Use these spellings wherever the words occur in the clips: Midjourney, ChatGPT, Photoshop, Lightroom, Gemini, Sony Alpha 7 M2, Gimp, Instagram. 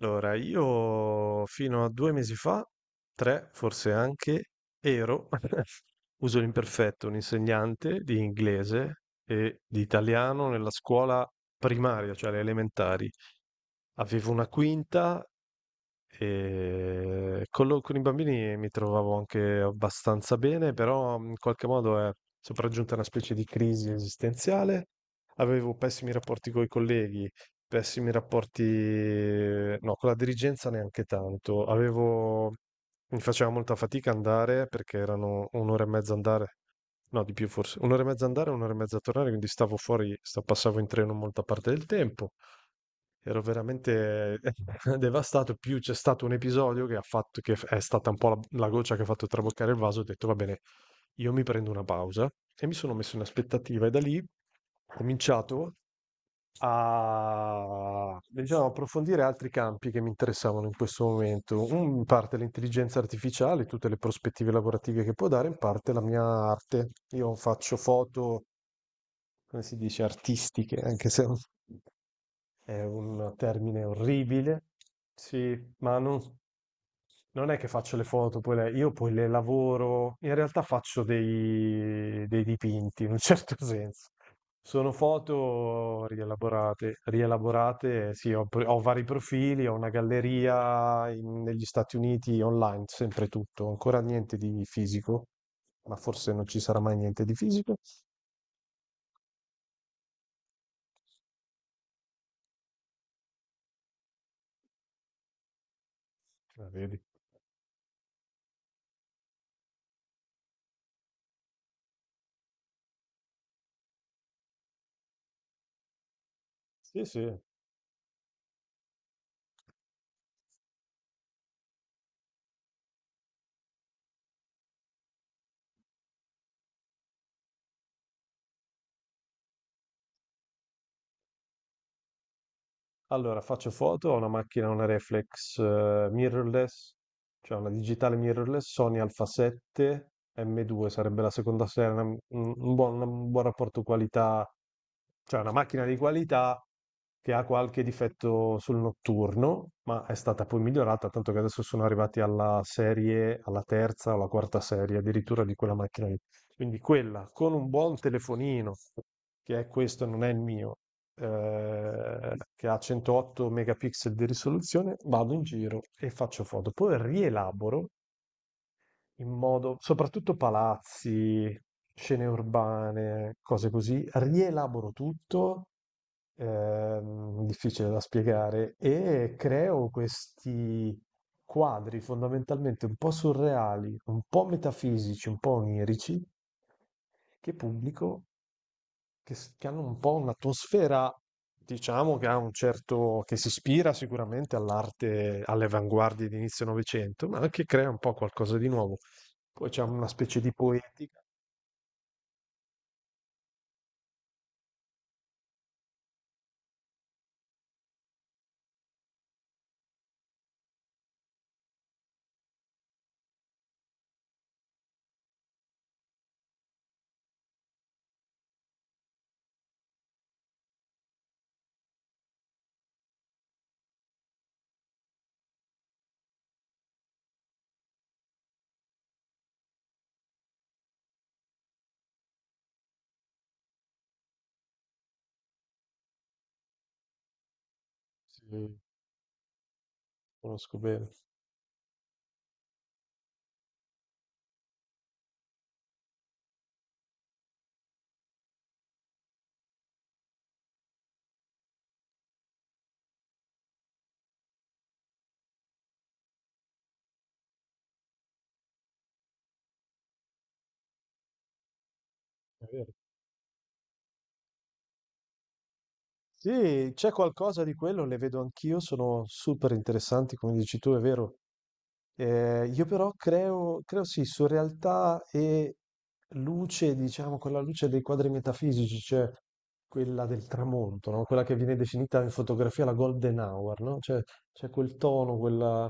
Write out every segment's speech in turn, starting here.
Allora, io fino a 2 mesi fa, 3 forse anche, ero uso l'imperfetto, un insegnante di inglese e di italiano nella scuola primaria, cioè alle elementari. Avevo una quinta e con i bambini mi trovavo anche abbastanza bene, però in qualche modo è sopraggiunta una specie di crisi esistenziale. Avevo pessimi rapporti coi colleghi, pessimi rapporti, no, con la dirigenza neanche tanto. Avevo, mi faceva molta fatica andare perché erano un'ora e mezza andare, no, di più forse, un'ora e mezza andare, un'ora e mezza tornare, quindi stavo fuori, passavo in treno molta parte del tempo. Ero veramente devastato, più c'è stato un episodio che ha fatto è stata un po' la goccia che ha fatto traboccare il vaso, ho detto va bene, io mi prendo una pausa e mi sono messo in aspettativa e da lì ho cominciato a diciamo, approfondire altri campi che mi interessavano in questo momento. In parte l'intelligenza artificiale, tutte le prospettive lavorative che può dare, in parte la mia arte. Io faccio foto, come si dice, artistiche, anche se è un termine orribile, sì, ma non, non è che faccio le foto, io poi le lavoro, in realtà faccio dei dipinti in un certo senso. Sono foto rielaborate, rielaborate, sì, ho, ho vari profili, ho una galleria negli Stati Uniti online, sempre tutto, ancora niente di fisico, ma forse non ci sarà mai niente di fisico. Ah, vedi. Sì, sì. Allora, faccio foto, ho una macchina, una reflex mirrorless, cioè una digitale mirrorless, Sony Alpha 7 M2, sarebbe la seconda serie, un buon rapporto qualità, cioè una macchina di qualità che ha qualche difetto sul notturno, ma è stata poi migliorata, tanto che adesso sono arrivati alla serie, alla terza o alla quarta serie addirittura di quella macchina lì. Quindi quella con un buon telefonino, che è questo, non è il mio, che ha 108 megapixel di risoluzione, vado in giro e faccio foto. Poi rielaboro in modo, soprattutto palazzi, scene urbane, cose così, rielaboro tutto, difficile da spiegare, e creo questi quadri fondamentalmente un po' surreali, un po' metafisici, un po' onirici, che pubblico che, che hanno un po' un'atmosfera, diciamo, che ha un certo, che si ispira sicuramente all'arte, alle avanguardie di inizio Novecento, ma anche crea un po' qualcosa di nuovo. Poi c'è una specie di poetica. Sì, conosco bene. È vero. Sì, c'è qualcosa di quello, le vedo anch'io, sono super interessanti, come dici tu, è vero. Io però creo, creo sì, su realtà e luce, diciamo, quella luce dei quadri metafisici, cioè quella del tramonto, no? Quella che viene definita in fotografia la golden hour, no? Cioè c'è quel tono, quella,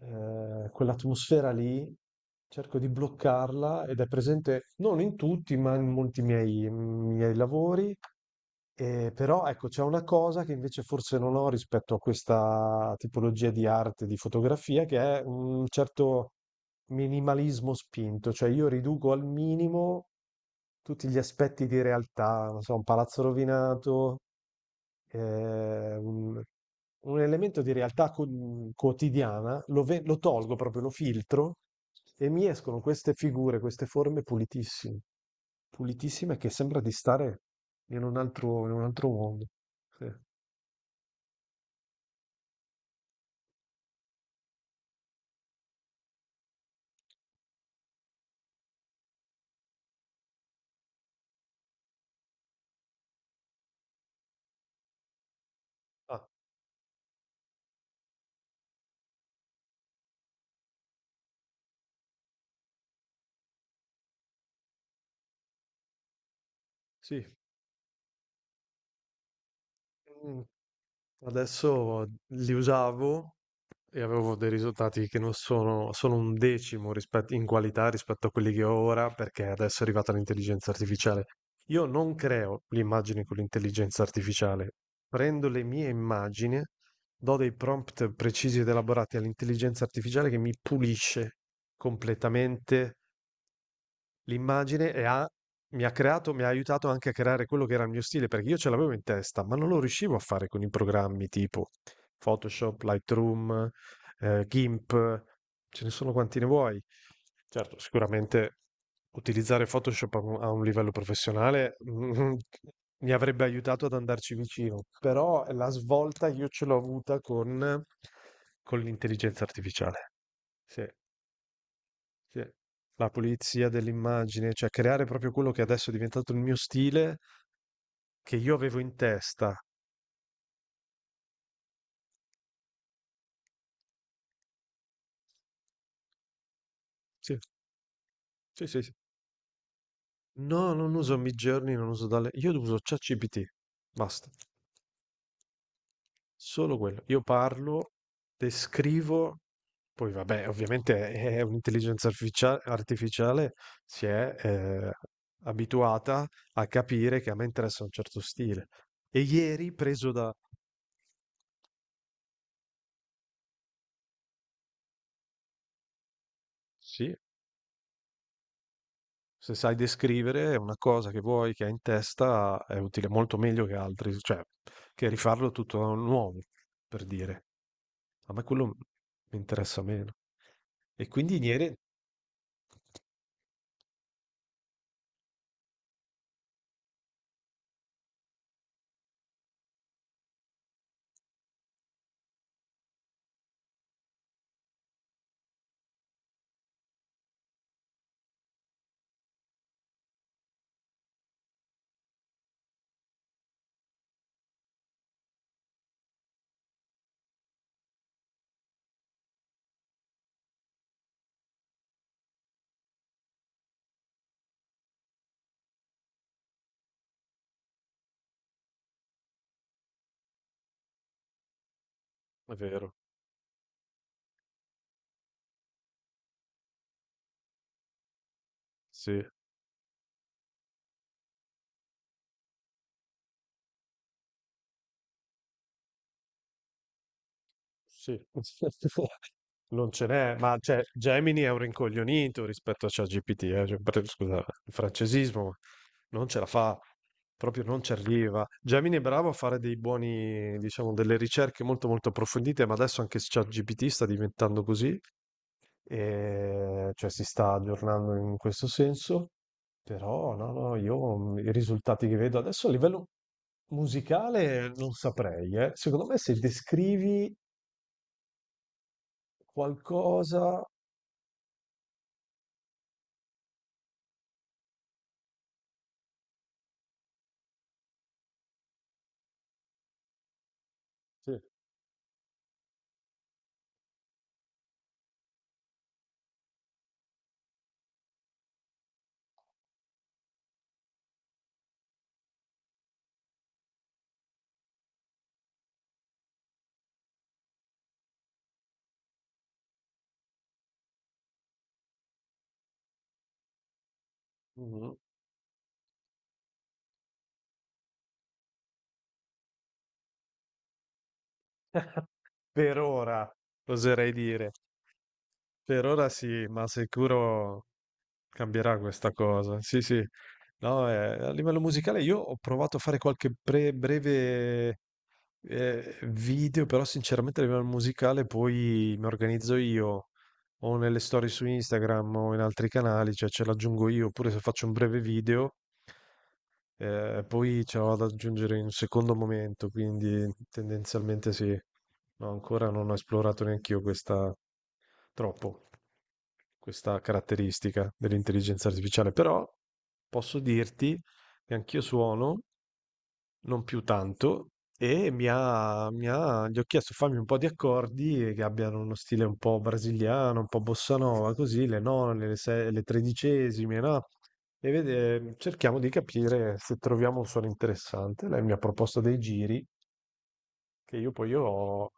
quell'atmosfera lì, cerco di bloccarla ed è presente non in tutti, ma in molti miei lavori. Però ecco, c'è una cosa che invece forse non ho rispetto a questa tipologia di arte, di fotografia, che è un certo minimalismo spinto, cioè io riduco al minimo tutti gli aspetti di realtà, non so, un palazzo rovinato, ehm, un un elemento di realtà quotidiana, lo, lo tolgo proprio, lo filtro e mi escono queste figure, queste forme pulitissime, pulitissime che sembra di stare in un altro mondo. Sì. Ah, sì. Mm, adesso li usavo e avevo dei risultati che non sono sono un decimo rispetto in qualità rispetto a quelli che ho ora, perché adesso è arrivata l'intelligenza artificiale. Io non creo le immagini con l'intelligenza artificiale, prendo le mie immagini, do dei prompt precisi ed elaborati all'intelligenza artificiale che mi pulisce completamente l'immagine e ha mi ha creato mi ha aiutato anche a creare quello che era il mio stile, perché io ce l'avevo in testa, ma non lo riuscivo a fare con i programmi tipo Photoshop, Lightroom, Gimp, ce ne sono quanti ne vuoi. Certo, sicuramente utilizzare Photoshop a un livello professionale, mi avrebbe aiutato ad andarci vicino, però la svolta io ce l'ho avuta con l'intelligenza artificiale, sì. Sì. La pulizia dell'immagine, cioè creare proprio quello che adesso è diventato il mio stile, che io avevo in testa. Sì, sì, sì, sì. No, non uso Midjourney, non uso Dalle, io uso ChatGPT, basta. Solo quello. Io parlo, descrivo, poi vabbè, ovviamente è un'intelligenza artificiale, si è abituata a capire che a me interessa un certo stile. E ieri, preso da... Sì, se sai descrivere una cosa che vuoi, che hai in testa, è utile molto meglio che altri, cioè che rifarlo tutto da nuovo, per dire. A me quello mi interessa meno. E quindi niente, è vero, sì. Sì. Non ce n'è, ma cioè Gemini è un rincoglionito rispetto a ChatGPT, cioè, scusa, il francesismo, non ce la fa, proprio non ci arriva. Gemini è bravo a fare dei buoni, diciamo, delle ricerche molto molto approfondite, ma adesso anche ChatGPT sta diventando così, e, cioè si sta aggiornando in questo senso, però no, no, io i risultati che vedo adesso a livello musicale non saprei, eh. Secondo me se descrivi qualcosa. Sì. Mh-mh. Per ora, oserei dire. Per ora sì, ma sicuro cambierà questa cosa. Sì, sì. No, a livello musicale io ho provato a fare qualche pre breve, video, però sinceramente a livello musicale poi mi organizzo io, o nelle storie su Instagram o in altri canali, cioè ce l'aggiungo io, oppure se faccio un breve video, eh, poi ce l'ho da aggiungere in un secondo momento, quindi tendenzialmente sì. No, ancora non ho esplorato neanch'io questa troppo, questa caratteristica dell'intelligenza artificiale, però posso dirti che anch'io suono, non più tanto, e gli ho chiesto fammi un po' di accordi che abbiano uno stile un po' brasiliano, un po' bossa nova, così, le none, le tredicesime, no? E cerchiamo di capire se troviamo un suono interessante. Lei mi ha proposto dei giri che io poi ho